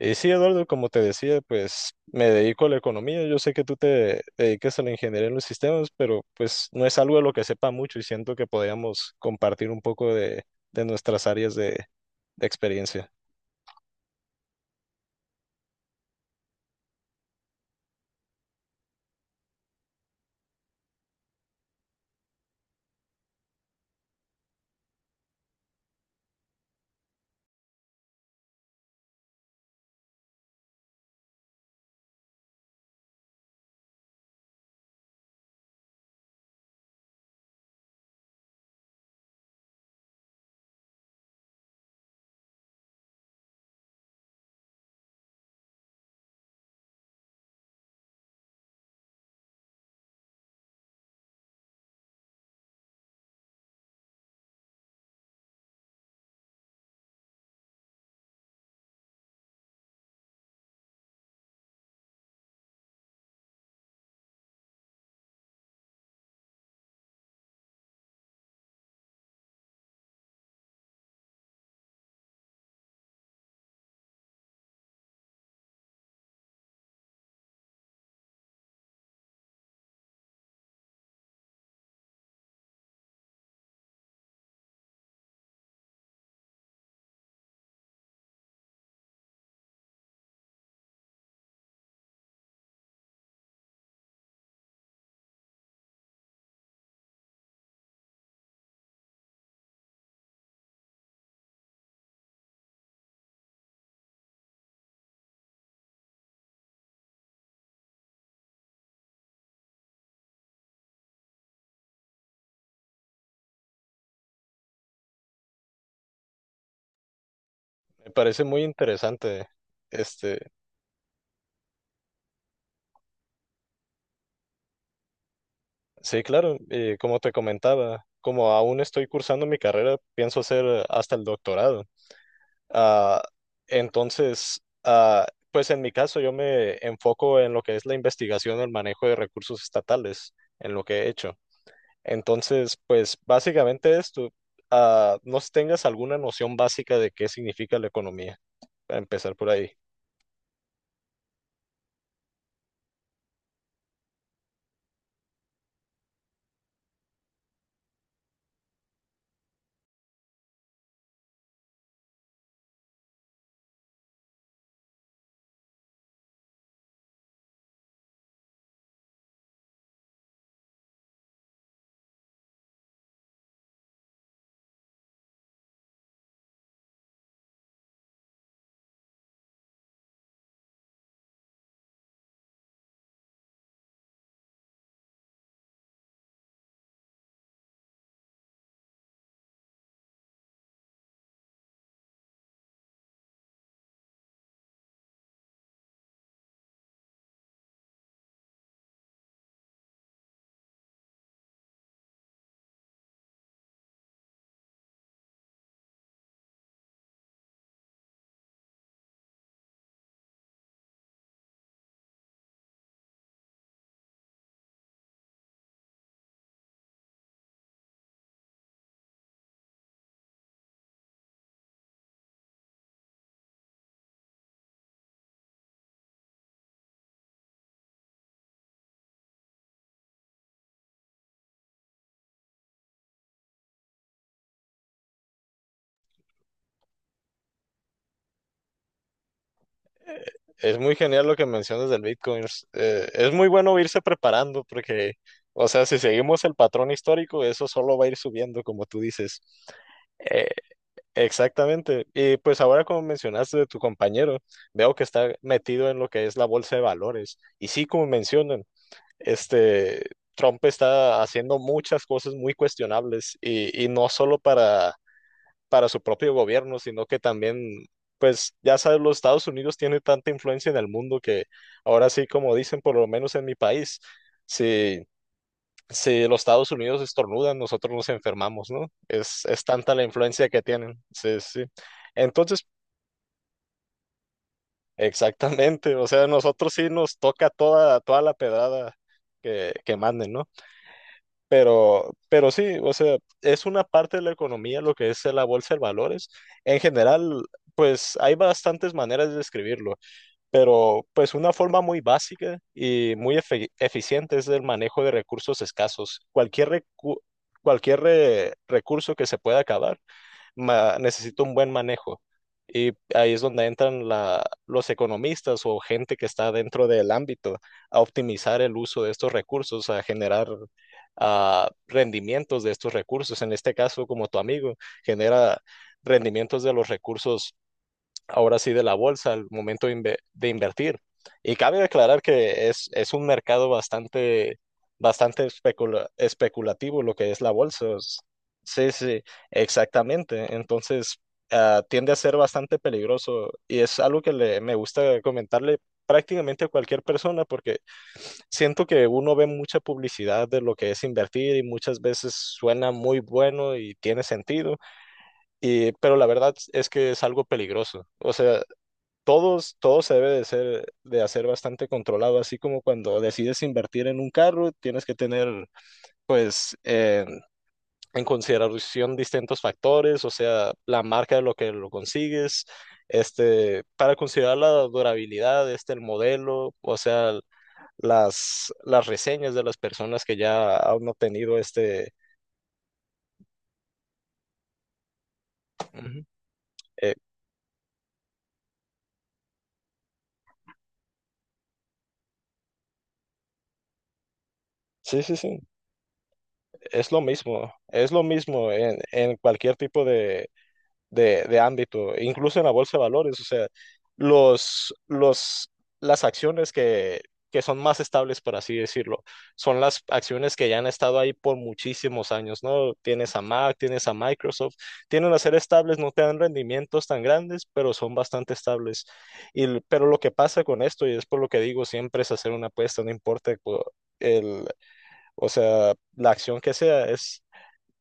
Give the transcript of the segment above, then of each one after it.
Y sí, Eduardo, como te decía, pues me dedico a la economía. Yo sé que tú te dedicas a la ingeniería en los sistemas, pero pues no es algo de lo que sepa mucho y siento que podríamos compartir un poco de nuestras áreas de experiencia. Me parece muy interesante. Este, sí, claro, y como te comentaba, como aún estoy cursando mi carrera, pienso hacer hasta el doctorado. Ah, entonces, pues en mi caso yo me enfoco en lo que es la investigación o el manejo de recursos estatales, en lo que he hecho. Entonces, pues básicamente esto, no sé si tengas alguna noción básica de qué significa la economía, para empezar por ahí. Es muy genial lo que mencionas del Bitcoin. Es es muy bueno irse preparando porque, o sea, si seguimos el patrón histórico, eso solo va a ir subiendo, como tú dices. Eh, Exactamente. Y pues ahora como mencionaste de tu compañero, veo que está metido en lo que es la bolsa de valores. Y sí, como mencionan, este Trump está haciendo muchas cosas muy cuestionables y no solo para su propio gobierno, sino que también, pues ya sabes, los Estados Unidos tiene tanta influencia en el mundo que ahora sí, como dicen, por lo menos en mi país, sí si los Estados Unidos estornudan, nosotros nos enfermamos, ¿no? Es tanta la influencia que tienen. Sí, sí, sí. Entonces, exactamente, o sea, nosotros sí nos toca toda la pedrada que manden, ¿no? Pero sí, o sea, es una parte de la economía lo que es la bolsa de valores. En general, pues hay bastantes maneras de describirlo, pero pues una forma muy básica y eficiente es el manejo de recursos escasos. Cualquier, recu- cualquier re- recurso que se pueda acabar necesita un buen manejo. Y ahí es donde entran los economistas o gente que está dentro del ámbito a optimizar el uso de estos recursos, a generar rendimientos de estos recursos. En este caso, como tu amigo, genera rendimientos de los recursos ahora sí de la bolsa al momento de invertir. Y cabe aclarar que es un mercado especulativo lo que es la bolsa. Sí, sí, exactamente. Entonces, tiende a ser bastante peligroso y es algo que me gusta comentarle prácticamente a cualquier persona porque siento que uno ve mucha publicidad de lo que es invertir y muchas veces suena muy bueno y tiene sentido, pero la verdad es que es algo peligroso. O sea, todo se debe de hacer bastante controlado, así como cuando decides invertir en un carro, tienes que tener, pues, en consideración distintos factores, o sea, la marca de lo que lo consigues, este, para considerar la durabilidad, este, el modelo, o sea, las reseñas de las personas que ya han obtenido este. Ujú. eh, sí, sí, sí, es lo mismo en cualquier tipo de ámbito, incluso en la bolsa de valores, o sea, los, los, las acciones que son más estables, por así decirlo, son las acciones que ya han estado ahí por muchísimos años, ¿no? Tienes a Mac, tienes a Microsoft, tienen a ser estables, no te dan rendimientos tan grandes, pero son bastante estables. Y, pero lo que pasa con esto, y es por lo que digo, siempre es hacer una apuesta, no importa el, o sea, la acción que sea, es.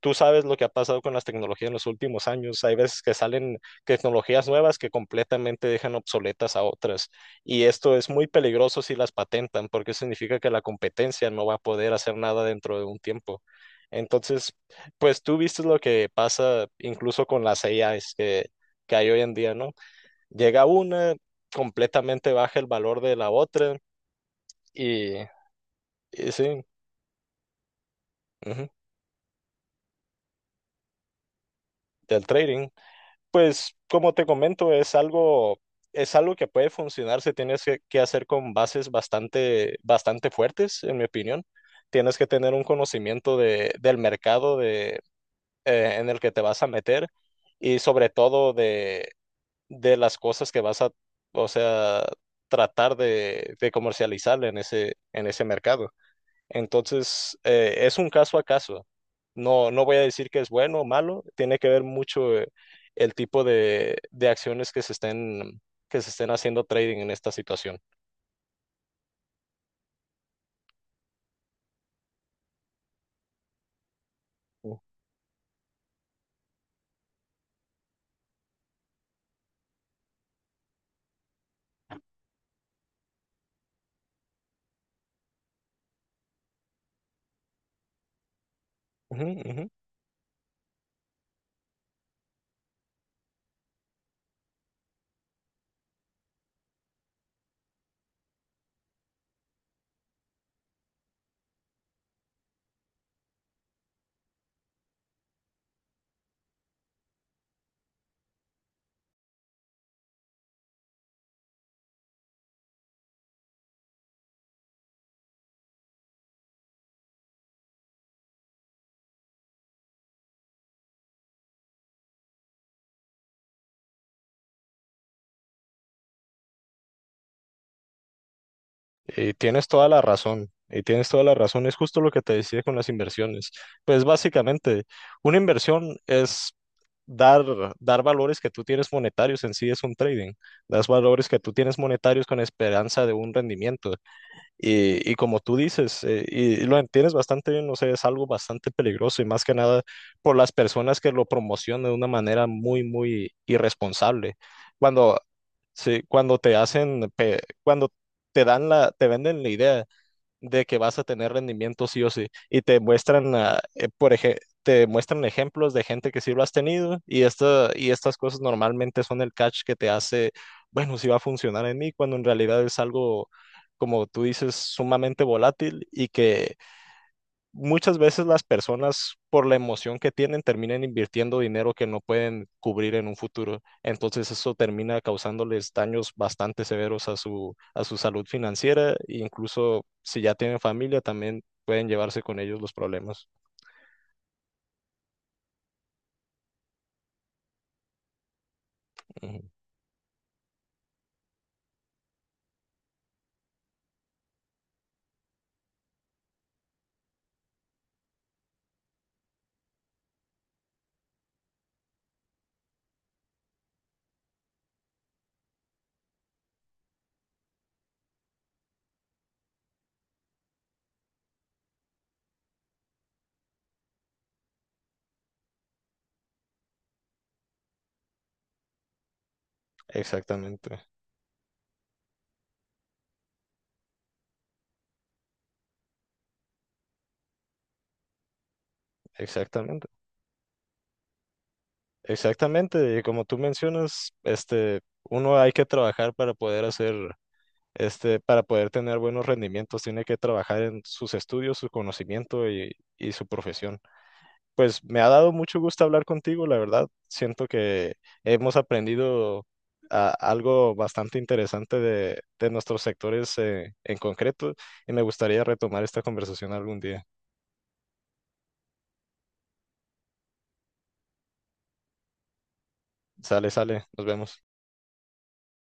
Tú sabes lo que ha pasado con las tecnologías en los últimos años. Hay veces que salen tecnologías nuevas que completamente dejan obsoletas a otras. Y esto es muy peligroso si las patentan, porque significa que la competencia no va a poder hacer nada dentro de un tiempo. Entonces, pues tú viste lo que pasa incluso con las AIs que hay hoy en día, ¿no? Llega una, completamente baja el valor de la otra y, y sí, ujú, del trading. Pues como te comento, es algo que puede funcionar si tienes que hacer con bases bastante fuertes, en mi opinión. Tienes que tener un conocimiento del mercado de, en el que te vas a meter y sobre todo de las cosas que vas a, o sea, tratar de comercializar en ese mercado. Entonces, es un caso a caso. No, no voy a decir que es bueno o malo, tiene que ver mucho el tipo de acciones que se estén haciendo trading en esta situación. Mm. Ujú, ujú. Y tienes toda la razón, y tienes toda la razón, es justo lo que te decía con las inversiones. Pues básicamente, una inversión es dar, dar valores que tú tienes monetarios, en sí es un trading, das valores que tú tienes monetarios con esperanza de un rendimiento. Y como tú dices, y lo entiendes bastante bien, no sé, es algo bastante peligroso y más que nada por las personas que lo promocionan de una manera muy, muy irresponsable. Cuando, sí, cuando te dan te venden la idea de que vas a tener rendimiento sí o sí. Y te muestran, te muestran ejemplos de gente que sí lo has tenido y estas cosas normalmente son el catch que te hace, bueno, sí va a funcionar en mí, cuando en realidad es algo, como tú dices, sumamente volátil y que muchas veces las personas, por la emoción que tienen, terminan invirtiendo dinero que no pueden cubrir en un futuro. Entonces eso termina causándoles daños bastante severos a a su salud financiera e incluso si ya tienen familia, también pueden llevarse con ellos los problemas. Ujú. Exactamente, exactamente, exactamente. Y como tú mencionas, este, uno hay que trabajar para poder hacer. Este, para poder tener buenos rendimientos, tiene que trabajar en sus estudios, su conocimiento y su profesión. Pues me ha dado mucho gusto hablar contigo, la verdad. Siento que hemos aprendido algo bastante interesante de nuestros sectores en concreto y me gustaría retomar esta conversación algún día. Sale, sale, nos vemos.